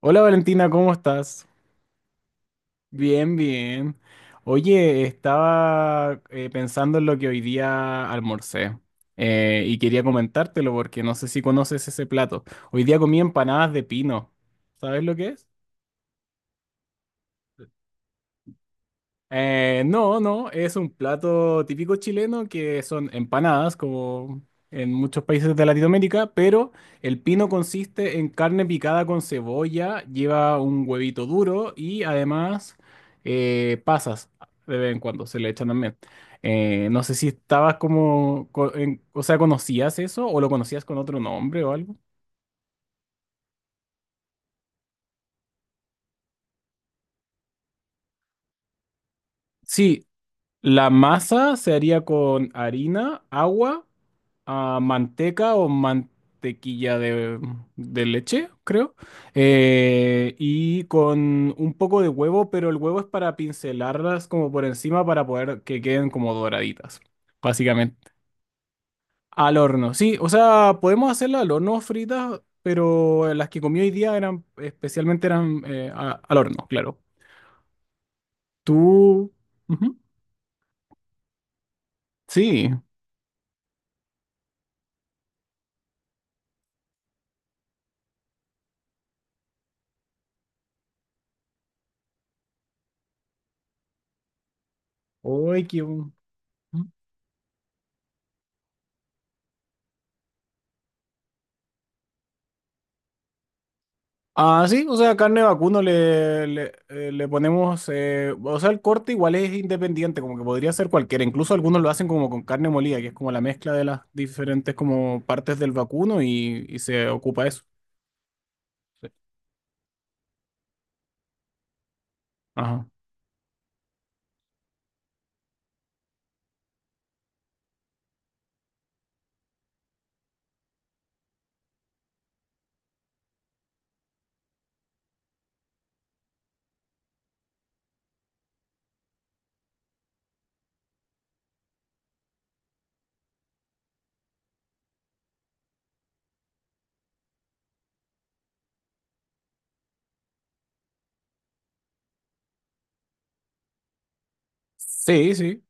Hola Valentina, ¿cómo estás? Bien, bien. Oye, estaba pensando en lo que hoy día almorcé, y quería comentártelo porque no sé si conoces ese plato. Hoy día comí empanadas de pino. ¿Sabes lo que es? No, no, es un plato típico chileno que son empanadas, como en muchos países de Latinoamérica, pero el pino consiste en carne picada con cebolla, lleva un huevito duro y además pasas de vez en cuando, se le echan también. No sé si estabas como, o sea, ¿conocías eso o lo conocías con otro nombre o algo? Sí, la masa se haría con harina, agua, ah, manteca o mantequilla de leche, creo. Y con un poco de huevo, pero el huevo es para pincelarlas como por encima para poder que queden como doraditas, básicamente. Al horno, sí, o sea, podemos hacerlas al horno fritas, pero las que comí hoy día eran, especialmente eran al horno, claro. Tú... ujú, sí. Uy, qué... bu- ah, sí, o sea, carne de vacuno le ponemos, o sea, el corte igual es independiente, como que podría ser cualquiera, incluso algunos lo hacen como con carne molida, que es como la mezcla de las diferentes como partes del vacuno y se ocupa eso. Sí. Ajá. Sí, sí.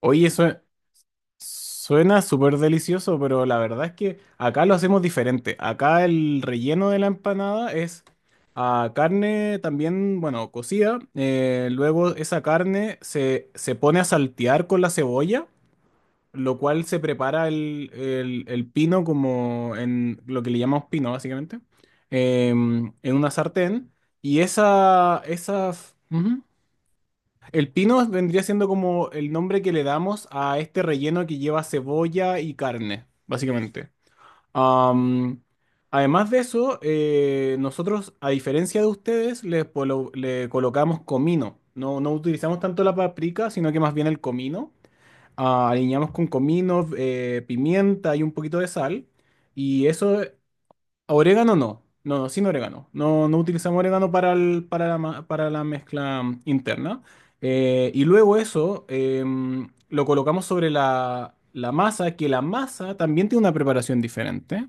Oye, eso, suena súper delicioso, pero la verdad es que acá lo hacemos diferente. Acá el relleno de la empanada es a carne también, bueno, cocida. Luego esa carne se pone a saltear con la cebolla, lo cual se prepara el pino como en lo que le llamamos pino, básicamente, en una sartén. Y esa, ujú, el pino vendría siendo como el nombre que le damos a este relleno que lleva cebolla y carne, básicamente. Am, además de eso, nosotros, a diferencia de ustedes, le colocamos comino. No, no utilizamos tanto la paprika, sino que más bien el comino. Ah, aliñamos con comino, pimienta y un poquito de sal. Y eso. Orégano no, no, no, sin orégano. No, no utilizamos orégano para, para, para la mezcla interna. Y luego eso, lo colocamos sobre la masa, que la masa también tiene una preparación diferente.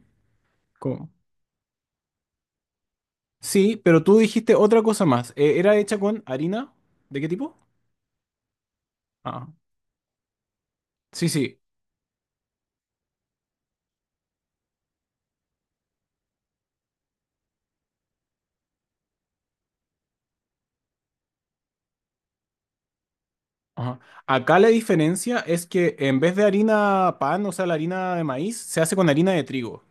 ¿Cómo? Sí, pero tú dijiste otra cosa más. ¿Era hecha con harina? ¿De qué tipo? Ah, sí, sí. Ajá. Acá la diferencia es que en vez de harina pan, o sea, la harina de maíz, se hace con harina de trigo.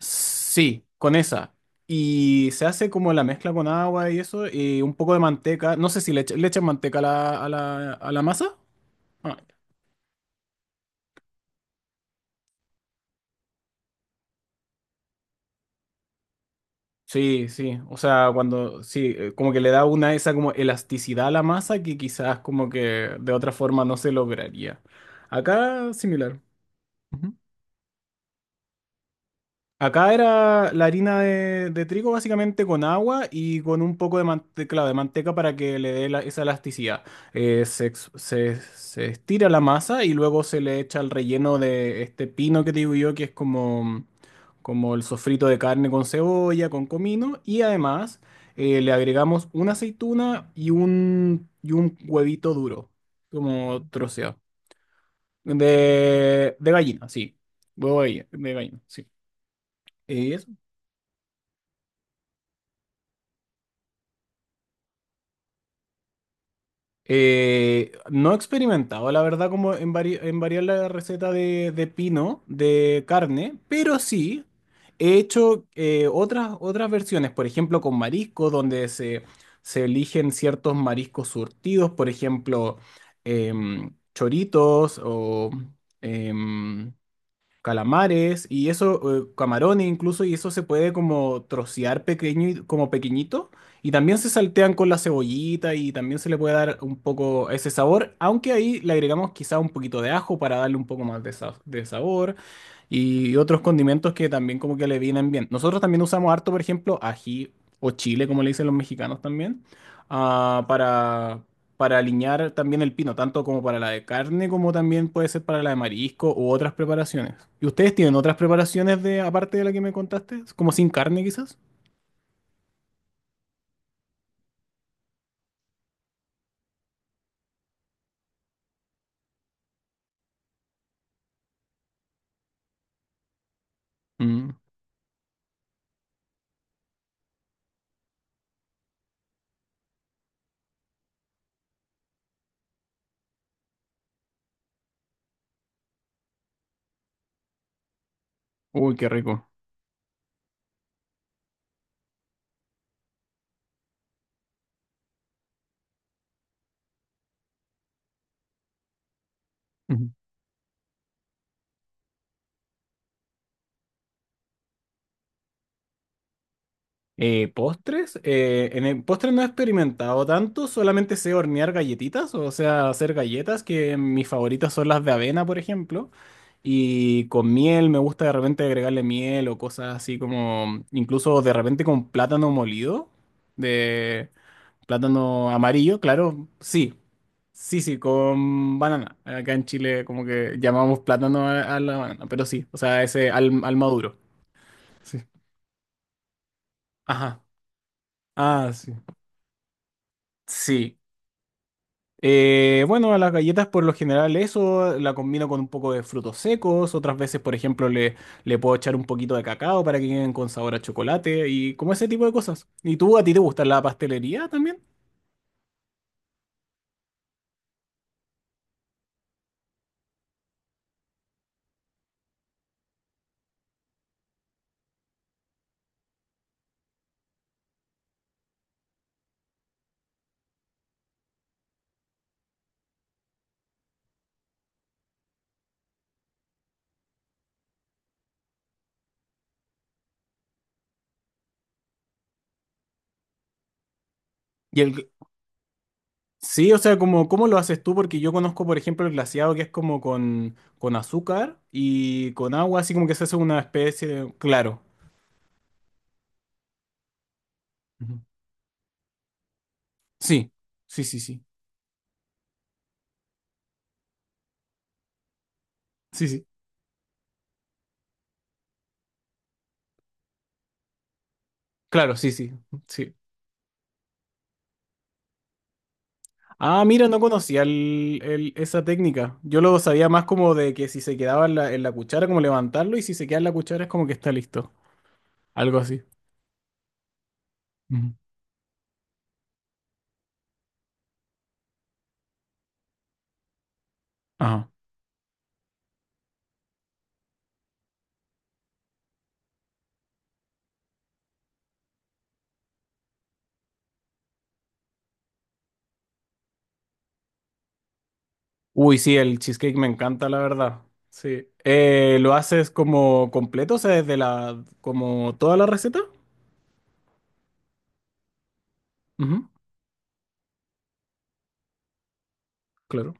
Sí, con esa. Y se hace como la mezcla con agua y eso, y un poco de manteca. No sé si le, le echan manteca a a la masa. Ah, sí, sí. O sea, cuando, sí, como que le da una esa como elasticidad a la masa que quizás como que de otra forma no se lograría. Acá similar. Acá era la harina de trigo básicamente con agua y con un poco de, claro, de manteca para que le dé esa elasticidad. Se estira la masa y luego se le echa el relleno de este pino que te digo yo, que es como, como el sofrito de carne con cebolla, con comino. Y además le agregamos una aceituna y un huevito duro, como troceado. De gallina, sí. Huevo de gallina, sí. No he experimentado, la verdad, como en, en variar la receta de pino, de carne, pero sí he hecho otras versiones, por ejemplo, con marisco, donde se eligen ciertos mariscos surtidos, por ejemplo, choritos o... em, calamares y eso, camarones incluso, y eso se puede como trocear pequeño, como pequeñito, y también se saltean con la cebollita y también se le puede dar un poco ese sabor, aunque ahí le agregamos quizá un poquito de ajo para darle un poco más de, de sabor, y otros condimentos que también como que le vienen bien. Nosotros también usamos harto, por ejemplo, ají o chile, como le dicen los mexicanos también, ah, para aliñar también el pino, tanto como para la de carne, como también puede ser para la de marisco u otras preparaciones. ¿Y ustedes tienen otras preparaciones de, aparte de la que me contaste? ¿Como sin carne quizás? Mm. Uy, qué rico. Postres, en el postre no he experimentado tanto, solamente sé hornear galletitas, o sea, hacer galletas, que mis favoritas son las de avena, por ejemplo, y con miel, me gusta de repente agregarle miel o cosas así como, incluso de repente con plátano molido, de plátano amarillo, claro, sí, sí, sí, con banana, acá en Chile como que llamamos plátano a la banana, pero sí, o sea, ese al maduro. Sí. Ajá, ah, sí. Sí, eh, bueno, a las galletas por lo general eso la combino con un poco de frutos secos, otras veces por ejemplo le, le puedo echar un poquito de cacao para que queden con sabor a chocolate y como ese tipo de cosas. ¿Y tú a ti te gusta la pastelería también? Y el, gl- sí, o sea, como, ¿cómo lo haces tú? Porque yo conozco por ejemplo el glaseado que es como con azúcar y con agua, así como que se hace una especie de... Claro. Ujú. Sí, sí, sí, sí, sí, sí. Claro, sí, sí, sí. Ah, mira, no conocía esa técnica. Yo lo sabía más como de que si se quedaba en en la cuchara, como levantarlo, y si se queda en la cuchara es como que está listo. Algo así. Ujú. Ajá. Uy, sí, el cheesecake me encanta, la verdad. Sí. ¿Lo haces como completo? O sea, desde la, como toda la receta. Ujú, claro.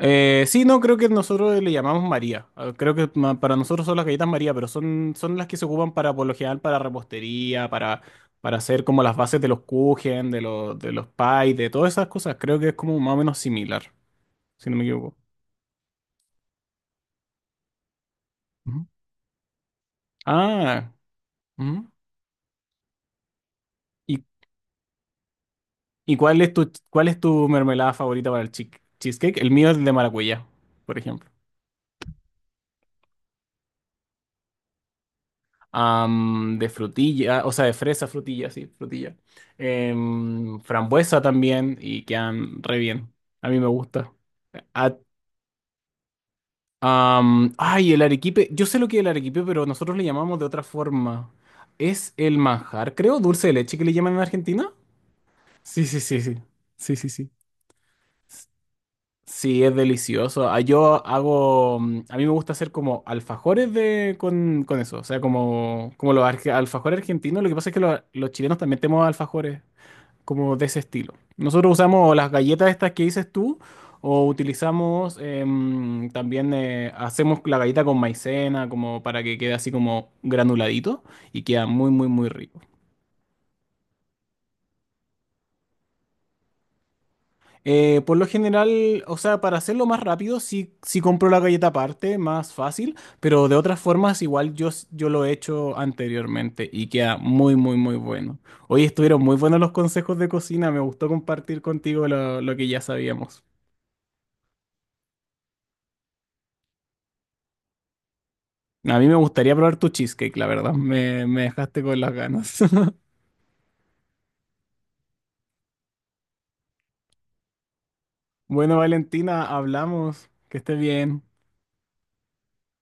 Sí, no, creo que nosotros le llamamos María. Ah, creo que para nosotros son las galletas María, pero son, son las que se ocupan para, por lo general, para repostería, para hacer como las bases de los kuchen, de los pies, de todas esas cosas. Creo que es como más o menos similar, si no me equivoco. Ujú. Ah, ujú. ¿Y, y cuál es tu mermelada favorita para el cheesecake? El mío es el de maracuyá, por ejemplo. Am, de frutilla, o sea, de fresa, frutilla, sí, frutilla. Em, frambuesa también y quedan re bien. A mí me gusta. A- ay, el arequipe. Yo sé lo que es el arequipe, pero nosotros le llamamos de otra forma. Es el manjar, creo, dulce de leche que le llaman en Argentina. Sí, sí, sí, sí. Sí, sí, sí. Sí, es delicioso. Ah, yo hago, mm, a mí me gusta hacer como alfajores de, con eso, o sea, como, como los alfajores argentinos, lo que pasa es que los chilenos también tenemos alfajores como de ese estilo. Nosotros usamos las galletas estas que dices tú, o utilizamos también, hacemos la galleta con maicena, como para que quede así como granuladito y queda muy, muy, muy rico. Por lo general, o sea, para hacerlo más rápido, sí, sí compro la galleta aparte, más fácil, pero de otras formas igual yo, yo lo he hecho anteriormente y queda muy, muy, muy bueno. Hoy estuvieron muy buenos los consejos de cocina, me gustó compartir contigo lo que ya sabíamos. A mí me gustaría probar tu cheesecake, la verdad, me dejaste con las ganas. Bueno, Valentina, hablamos, que estés bien.